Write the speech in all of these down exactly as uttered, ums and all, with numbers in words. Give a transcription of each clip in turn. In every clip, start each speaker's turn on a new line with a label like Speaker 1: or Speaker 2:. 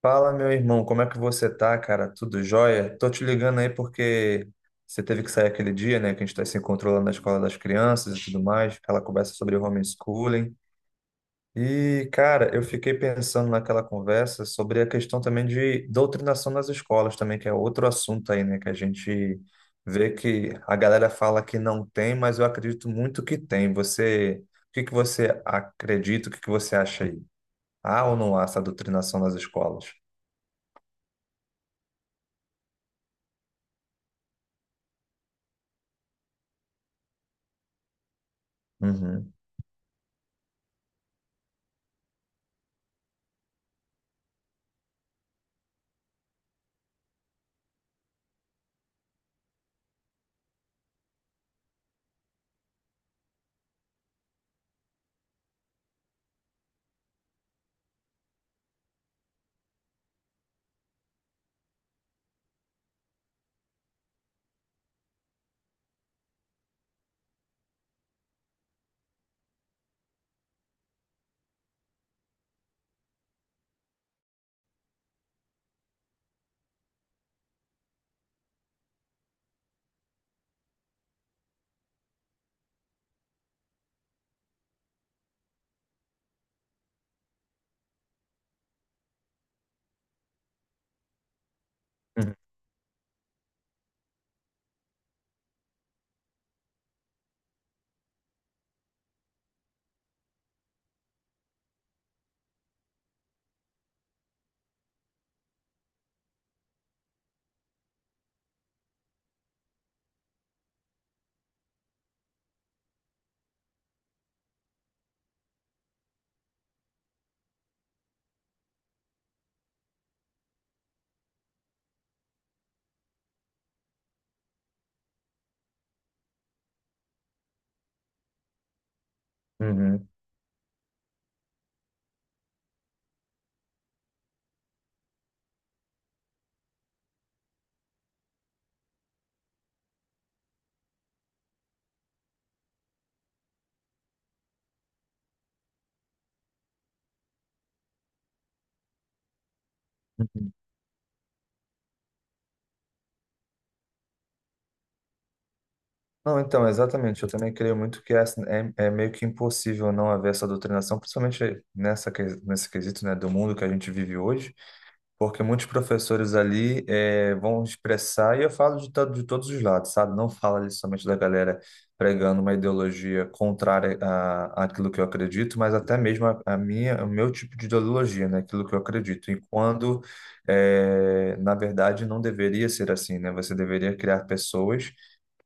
Speaker 1: Fala, meu irmão, como é que você tá, cara? Tudo jóia? Tô te ligando aí porque você teve que sair aquele dia, né, que a gente tá se encontrando lá na escola das crianças e tudo mais, aquela conversa sobre homeschooling. E, cara, eu fiquei pensando naquela conversa sobre a questão também de doutrinação nas escolas também, que é outro assunto aí, né, que a gente vê que a galera fala que não tem, mas eu acredito muito que tem. Você, o que que você acredita, o que que você acha aí? Há ou não há essa doutrinação nas escolas? Uhum. Uhum, uhum, uhum. Não, então, exatamente. Eu também creio muito que essa- é, é meio que impossível não haver essa doutrinação, principalmente nessa, que- nesse quesito, né, do mundo que a gente vive hoje. Porque muitos professores ali eh, vão expressar, e eu falo de, to- de todos os lados, sabe? Não falo ali somente da galera pregando uma ideologia contrária à, àquilo que eu acredito, mas até mesmo a, a minha, o meu tipo de ideologia, né? Aquilo que eu acredito. E quando, eh, na verdade, não deveria ser assim, né? Você deveria criar pessoas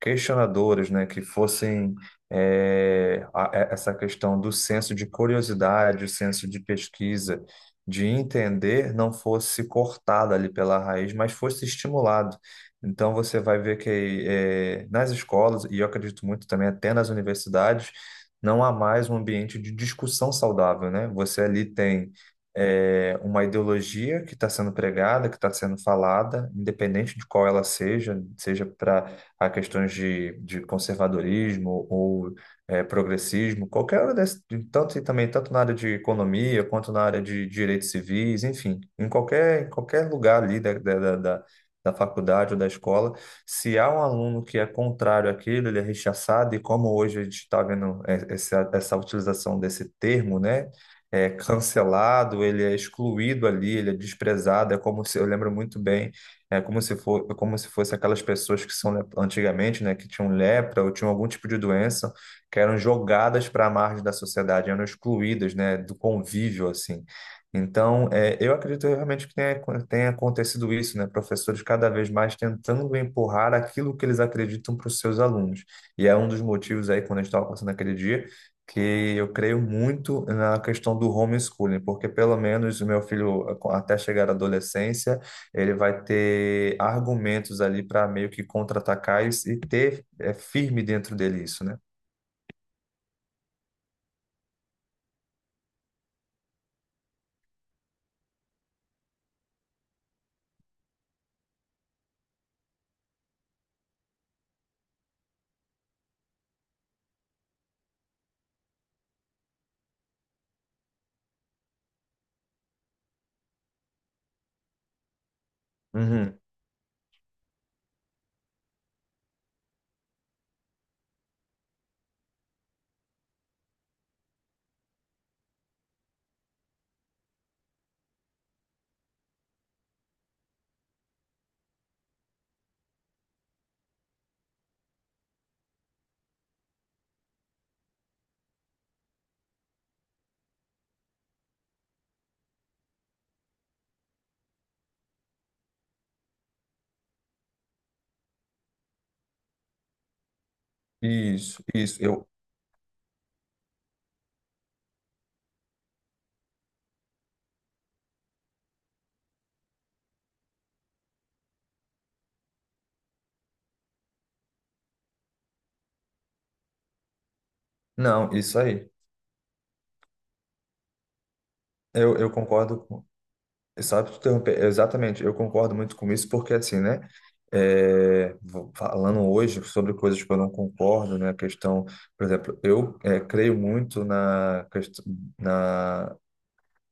Speaker 1: questionadoras, né, que fossem eh, a- a- essa questão do senso de curiosidade, o senso de pesquisa, de entender, não fosse cortada ali pela raiz, mas fosse estimulado. Então você vai ver que eh, nas escolas, e eu acredito muito também até nas universidades, não há mais um ambiente de discussão saudável, né? Você ali tem é, uma ideologia que está sendo pregada, que está sendo falada, independente de qual ela seja, seja para a questões de, de conservadorismo ou eh, progressismo, qualquer área desse, de- tanto e também tanto na área de economia quanto na área de direitos civis, enfim, em qualquer, em qualquer lugar ali da, da, da, da da faculdade ou da escola, se há um aluno que é contrário àquilo, ele é rechaçado, e como hoje a gente está vendo eh, essa, essa utilização desse termo, né? É cancelado, ele é excluído ali, ele é desprezado. É como se eu lembro muito bem é como se for, como se fosse aquelas pessoas que são le- antigamente, né, que tinham lepra ou tinham algum tipo de doença, que eram jogadas para a margem da sociedade, eram excluídas, né, do convívio assim. Então, é, eu acredito realmente que tenha, tenha acontecido isso, né, professores cada vez mais tentando empurrar aquilo que eles acreditam para os seus alunos. E é um dos motivos aí quando a gente estava passando aquele dia que eu creio muito na questão do homeschooling, porque pelo menos o meu filho até chegar à adolescência ele vai ter argumentos ali para meio que contra-atacar e, e ter é, firme dentro dele isso, né? Uhum. Isso, isso. Eu, não, isso aí. Eu, eu concordo com. Sabe, te interromper. Exatamente, eu concordo muito com isso, porque assim, né? É, vou- falando hoje sobre coisas que eu não concordo, né? A questão, por exemplo, eu é, creio muito na, quest-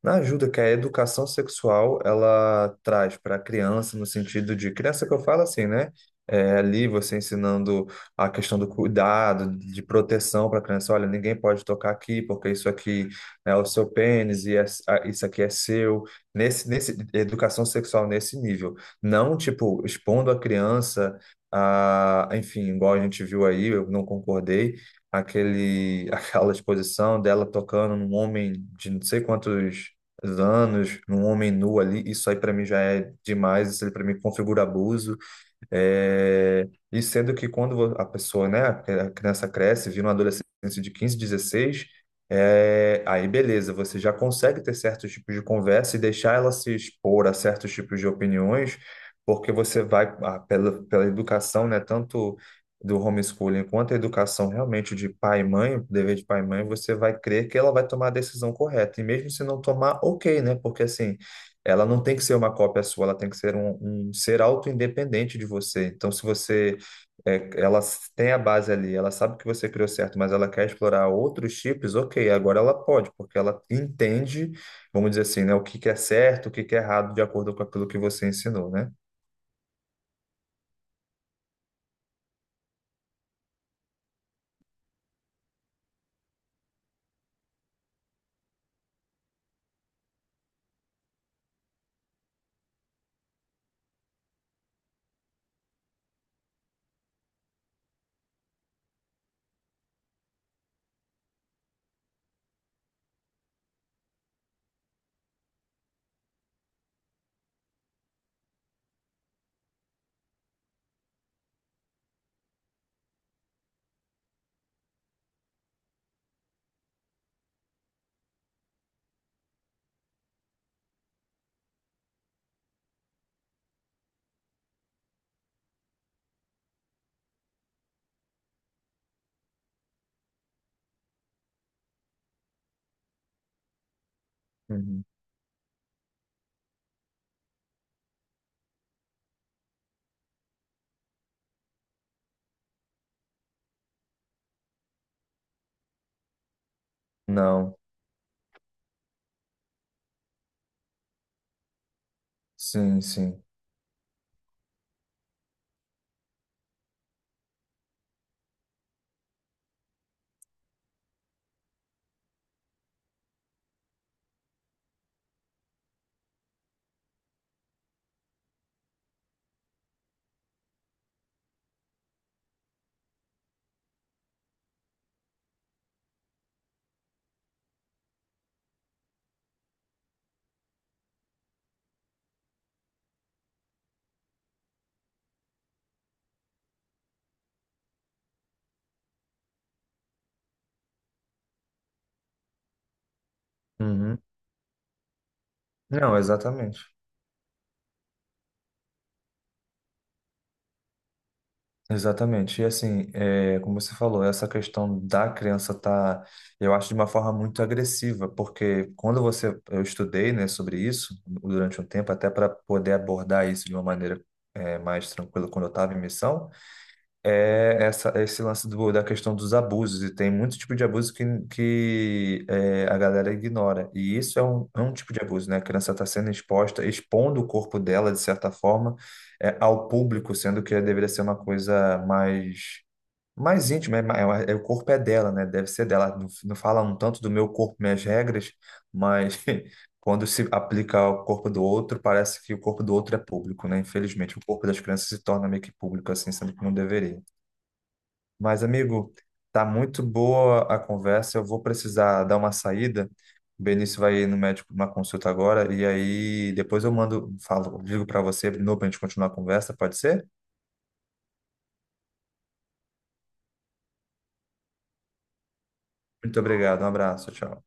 Speaker 1: Na ajuda que a educação sexual ela traz para a criança, no sentido de criança que eu falo assim, né? É, ali você ensinando a questão do cuidado, de proteção para a criança. Olha, ninguém pode tocar aqui, porque isso aqui é o seu pênis e é- a- isso aqui é seu. Nesse, nesse educação sexual nesse nível, não tipo expondo a criança a, enfim, igual a gente viu aí, eu não concordei aquele, aquela exposição dela tocando num homem de não sei quantos anos, um homem nu ali, isso aí para mim já é demais, isso aí para mim configura abuso. É, e sendo que quando vo- a pessoa, né, a criança cresce, vira uma adolescente de quinze, dezesseis, é, aí beleza, você já consegue ter certos tipos de conversa e deixar ela se expor a certos tipos de opiniões, porque você vai, ah, pela, pela educação, né, tanto do homeschooling quanto a educação realmente de pai e mãe, dever de pai e mãe, você vai crer que ela vai tomar a decisão correta, e mesmo se não tomar, ok, né, porque assim. Ela não tem que ser uma cópia sua, ela tem que ser um, um ser auto-independente de você. Então, se você. É, ela s- tem a base ali, ela sabe que você criou certo, mas ela quer explorar outros chips, ok, agora ela pode, porque ela entende, vamos dizer assim, né, o que que é certo, o que que é errado, de acordo com aquilo que você ensinou, né? Uhum. Não, sim, sim. Uhum. Não, exatamente. Exatamente. E assim, é, como você falou, essa questão da criança tá, eu acho, de uma forma muito agressiva, porque quando você, eu estudei, né, sobre isso durante um tempo, até para poder abordar isso de uma maneira, é, mais tranquila quando eu estava em missão, é essa, esse lance do- da questão dos abusos, e tem muito tipo de abuso que, que é, a galera ignora. E isso é um, é um tipo de abuso, né? A criança está sendo exposta, expondo o corpo dela, de certa forma, é, ao público, sendo que deveria ser uma coisa mais, mais íntima, é, ma- é uma- é- o corpo é dela, né? Deve ser dela. Não, não fala um tanto do meu corpo, minhas regras, mas quando se aplica ao corpo do outro, parece que o corpo do outro é público, né? Infelizmente, o corpo das crianças se torna meio que público, assim, sendo que não deveria. Mas, amigo, tá muito boa a conversa. Eu vou precisar dar uma saída. O Benício vai no médico numa consulta agora. E aí depois eu mando, falo, ligo para você de novo para a gente continuar a conversa, pode ser? Muito obrigado, um abraço, tchau.